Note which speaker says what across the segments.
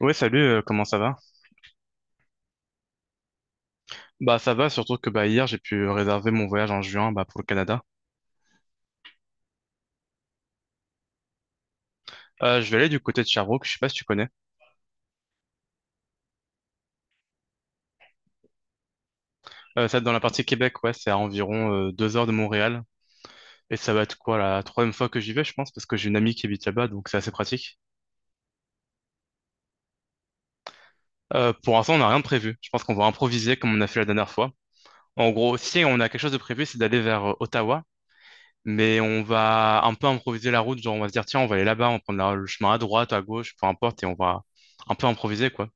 Speaker 1: Ouais, salut, comment ça va? Bah ça va, surtout que bah hier j'ai pu réserver mon voyage en juin bah, pour le Canada. Je vais aller du côté de Sherbrooke, je sais pas si tu connais. Ça dans la partie Québec, ouais, c'est à environ 2 heures de Montréal. Et ça va être quoi la troisième fois que j'y vais, je pense, parce que j'ai une amie qui habite là-bas, donc c'est assez pratique. Pour l'instant, on n'a rien de prévu. Je pense qu'on va improviser comme on a fait la dernière fois. En gros, si on a quelque chose de prévu, c'est d'aller vers Ottawa. Mais on va un peu improviser la route, genre on va se dire tiens, on va aller là-bas, on va prendre le chemin à droite, à gauche, peu importe, et on va un peu improviser quoi.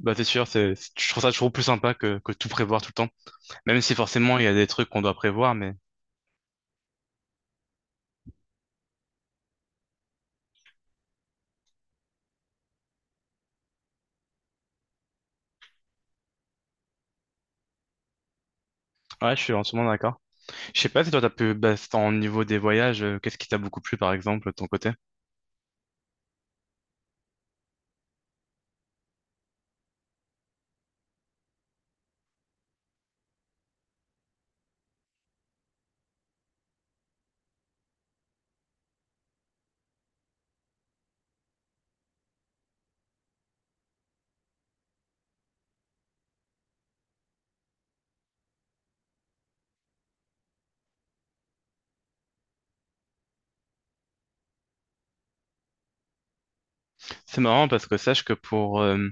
Speaker 1: Bah c'est sûr, je trouve ça toujours plus sympa que tout prévoir tout le temps. Même si forcément il y a des trucs qu'on doit prévoir, mais ouais, je suis entièrement d'accord. Je sais pas si toi t'as pu, bah, c'est en niveau des voyages, qu'est-ce qui t'a beaucoup plu par exemple de ton côté? C'est marrant parce que sache que pour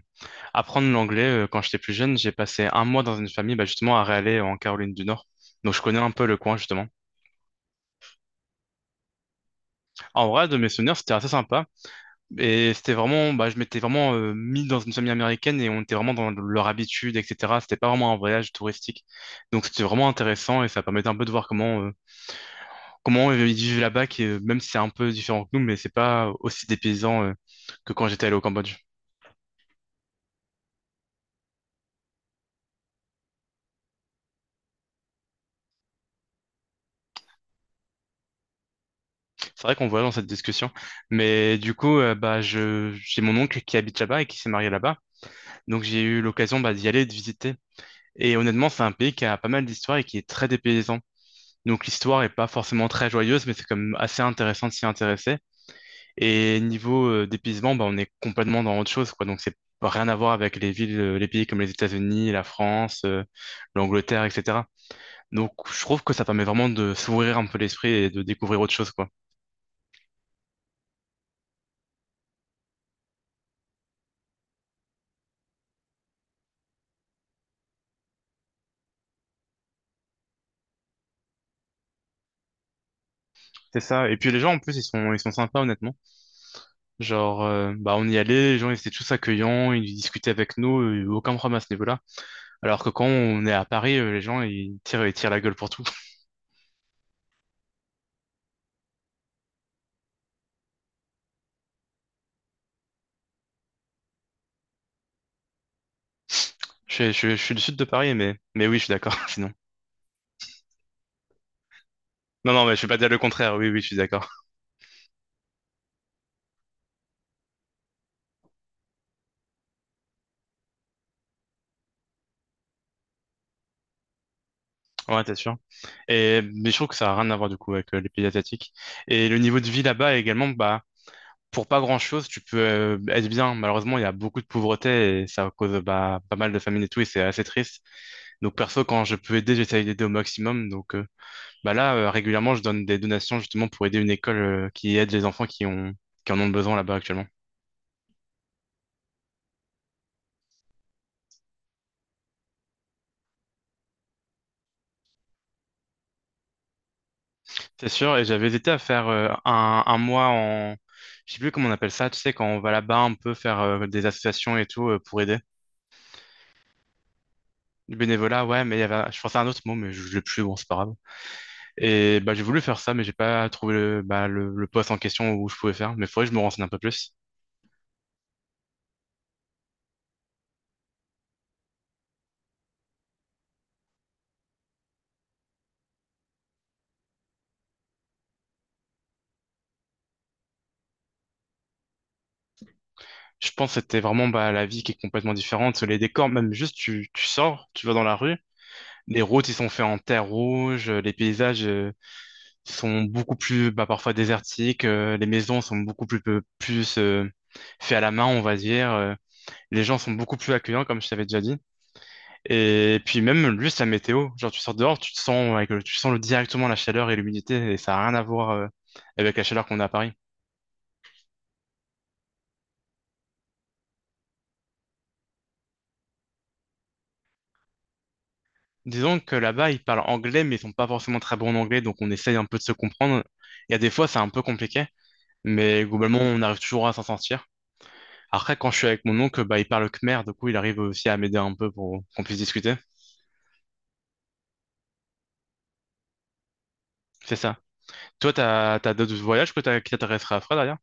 Speaker 1: apprendre l'anglais, quand j'étais plus jeune, j'ai passé un mois dans une famille bah, justement à Raleigh en Caroline du Nord. Donc je connais un peu le coin justement. En vrai, de mes souvenirs, c'était assez sympa. Et c'était vraiment, bah, je m'étais vraiment mis dans une famille américaine et on était vraiment dans leur habitude, etc. C'était pas vraiment un voyage touristique. Donc c'était vraiment intéressant et ça permettait un peu de voir comment ils vivent là-bas, qui, même si c'est un peu différent que nous, mais c'est pas aussi dépaysant que quand j'étais allé au Cambodge. C'est vrai qu'on voit dans cette discussion. Mais du coup, bah, j'ai mon oncle qui habite là-bas et qui s'est marié là-bas. Donc j'ai eu l'occasion bah, d'y aller et de visiter. Et honnêtement, c'est un pays qui a pas mal d'histoire et qui est très dépaysant. Donc l'histoire est pas forcément très joyeuse, mais c'est quand même assez intéressant de s'y intéresser. Et niveau dépaysement, bah, on est complètement dans autre chose, quoi. Donc c'est rien à voir avec les villes, les pays comme les États-Unis, la France, l'Angleterre, etc. Donc, je trouve que ça permet vraiment de s'ouvrir un peu l'esprit et de découvrir autre chose, quoi. C'est ça. Et puis les gens en plus ils sont sympas honnêtement. Genre bah on y allait, les gens ils étaient tous accueillants, ils discutaient avec nous, aucun problème à ce niveau-là. Alors que quand on est à Paris, les gens ils tirent la gueule pour tout. Je suis du sud de Paris mais oui je suis d'accord sinon. Non, non, mais je vais pas dire le contraire. Oui, oui, je suis d'accord. Ouais, t'es sûr. Mais je trouve que ça a rien à voir du coup avec les pays asiatiques. Et le niveau de vie là-bas également, bah, pour pas grand-chose, tu peux être bien. Malheureusement, il y a beaucoup de pauvreté et ça cause bah, pas mal de famine et tout, et c'est assez triste. Donc perso, quand je peux aider, j'essaye d'aider au maximum. Donc bah là, régulièrement, je donne des donations justement pour aider une école qui aide les enfants qui ont qui en ont besoin là-bas actuellement. C'est sûr, et j'avais hésité à faire un mois Je sais plus comment on appelle ça, tu sais, quand on va là-bas un peu faire des associations et tout pour aider. Du bénévolat, ouais, mais je pensais à un autre mot, mais je l'ai plus, bon, c'est pas grave. Et bah, j'ai voulu faire ça, mais j'ai pas trouvé le poste en question où je pouvais faire. Mais faudrait que je me renseigne un peu plus. Je pense que c'était vraiment bah, la vie qui est complètement différente. Les décors, même juste, tu sors, tu vas dans la rue. Les routes, ils sont faits en terre rouge. Les paysages, sont beaucoup plus bah, parfois désertiques, les maisons sont beaucoup plus, plus faites à la main, on va dire. Les gens sont beaucoup plus accueillants, comme je t'avais déjà dit. Et puis même juste la météo, genre tu sors dehors, tu te sens, avec le- tu sens le- directement la chaleur et l'humidité, et ça n'a rien à voir avec la chaleur qu'on a à Paris. Disons que là-bas, ils parlent anglais, mais ils sont pas forcément très bons en anglais, donc on essaye un peu de se comprendre. Il y a des fois, c'est un peu compliqué, mais globalement, on arrive toujours à s'en sortir. Après, quand je suis avec mon oncle, bah, il parle khmer, du coup, il arrive aussi à m'aider un peu pour qu'on puisse discuter. C'est ça. Toi, t'as d'autres voyages qui t'intéresseraient à faire derrière?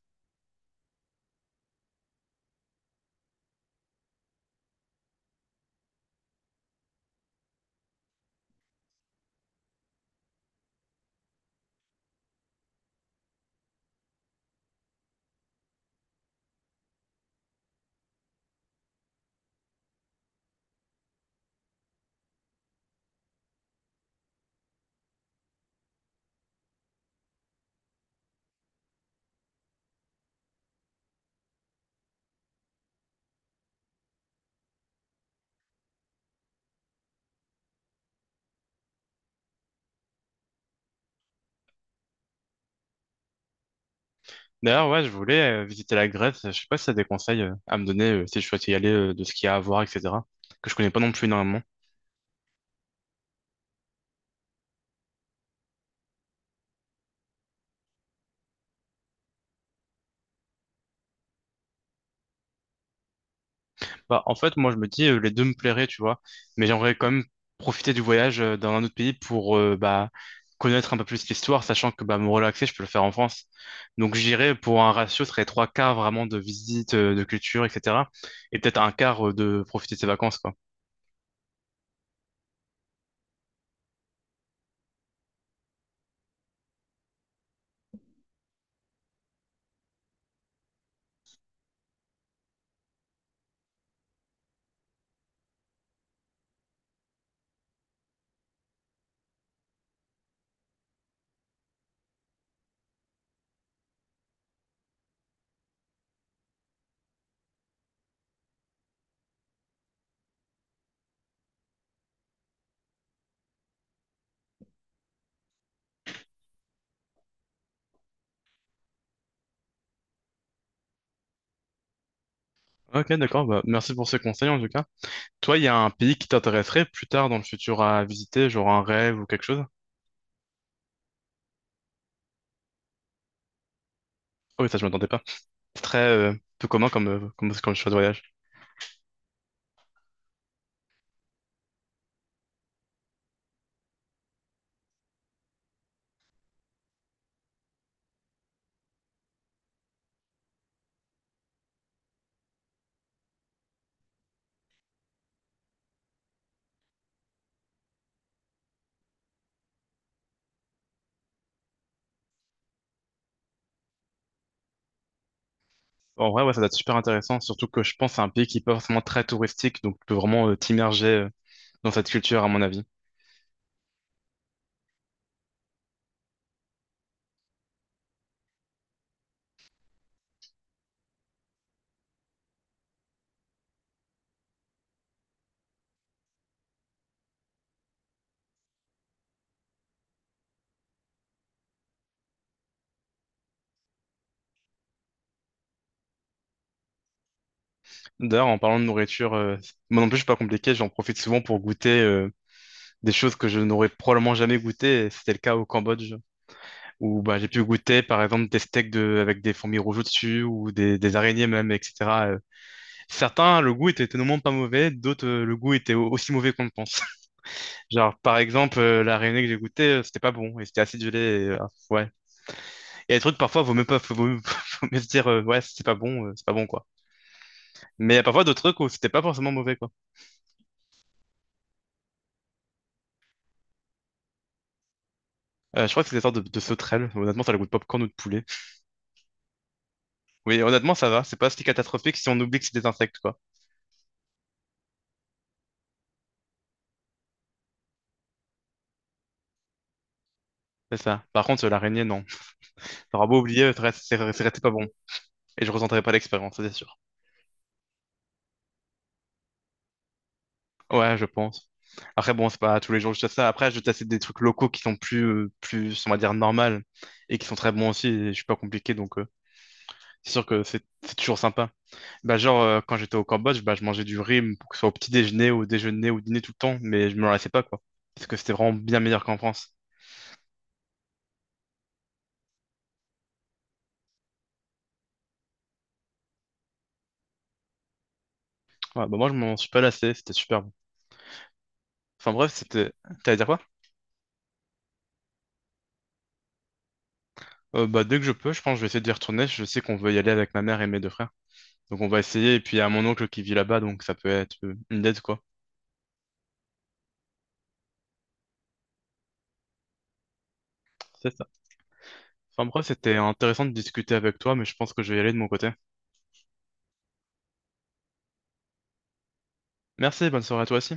Speaker 1: D'ailleurs, ouais, je voulais visiter la Grèce. Je sais pas si t'as des conseils à me donner si je souhaite y aller, de ce qu'il y a à voir, etc. Que je connais pas non plus énormément. Bah, en fait, moi, je me dis, les deux me plairaient, tu vois. Mais j'aimerais quand même profiter du voyage dans un autre pays pour bah, connaître un peu plus l'histoire, sachant que bah, me relaxer, je peux le faire en France. Donc, j'irais pour un ratio, ce serait trois quarts vraiment de visite, de culture, etc. Et peut-être un quart de profiter de ses vacances, quoi. Ok, d'accord. Bah, merci pour ce conseil, en tout cas. Toi, il y a un pays qui t'intéresserait plus tard dans le futur à visiter, genre un rêve ou quelque chose? Oh oui, ça, je m'attendais pas. C'est très peu commun comme choix de voyage. En vrai, ouais, ça doit être super intéressant, surtout que je pense que c'est un pays qui est pas forcément très touristique, donc tu peux vraiment t'immerger dans cette culture, à mon avis. D'ailleurs, en parlant de nourriture, moi non plus, je suis pas compliqué, j'en profite souvent pour goûter des choses que je n'aurais probablement jamais goûté, et c'était le cas au Cambodge, où bah, j'ai pu goûter, par exemple, des steaks avec des fourmis rouges au-dessus, ou des araignées même, etc. euh, Certains, le goût était tellement pas mauvais, d'autres, le goût était aussi mauvais qu'on le pense. Genre, par exemple, la réunion que j'ai goûtée, c'était pas bon, et c'était acidulé, et, ah, ouais. Et les trucs, parfois, vaut mieux pas, faut mieux, faut mieux se dire, ouais, c'est pas bon, quoi. Mais il y a parfois d'autres trucs où c'était pas forcément mauvais, quoi. Je crois que c'est des sortes de sauterelles. Honnêtement, ça a le goût de popcorn ou de poulet. Oui, honnêtement, ça va, c'est pas si catastrophique si on oublie que c'est des insectes, quoi. C'est ça. Par contre, l'araignée, non. T'auras beau oublier, c'est resté pas bon. Et je ressentais pas l'expérience, ça, c'est sûr. Ouais, je pense. Après, bon, c'est pas tous les jours que je teste ça. Après, je teste des trucs locaux qui sont on va dire, normal et qui sont très bons aussi. Et je suis pas compliqué, donc c'est sûr que c'est toujours sympa. Bah, genre, quand j'étais au Cambodge, bah, je mangeais du riz, pour que ce soit au petit déjeuner, au dîner tout le temps, mais je me lassais pas, quoi. Parce que c'était vraiment bien meilleur qu'en France. Ouais, bah, moi, je m'en suis pas lassé, c'était super bon. Enfin, bref, c'était. T'allais dire quoi? Bah, dès que je peux, je pense que je vais essayer d'y retourner. Je sais qu'on veut y aller avec ma mère et mes 2 frères. Donc, on va essayer. Et puis, il y a mon oncle qui vit là-bas, donc ça peut être une dette, quoi. C'est ça. Enfin bref, c'était intéressant de discuter avec toi, mais je pense que je vais y aller de mon côté. Merci, bonne soirée à toi aussi.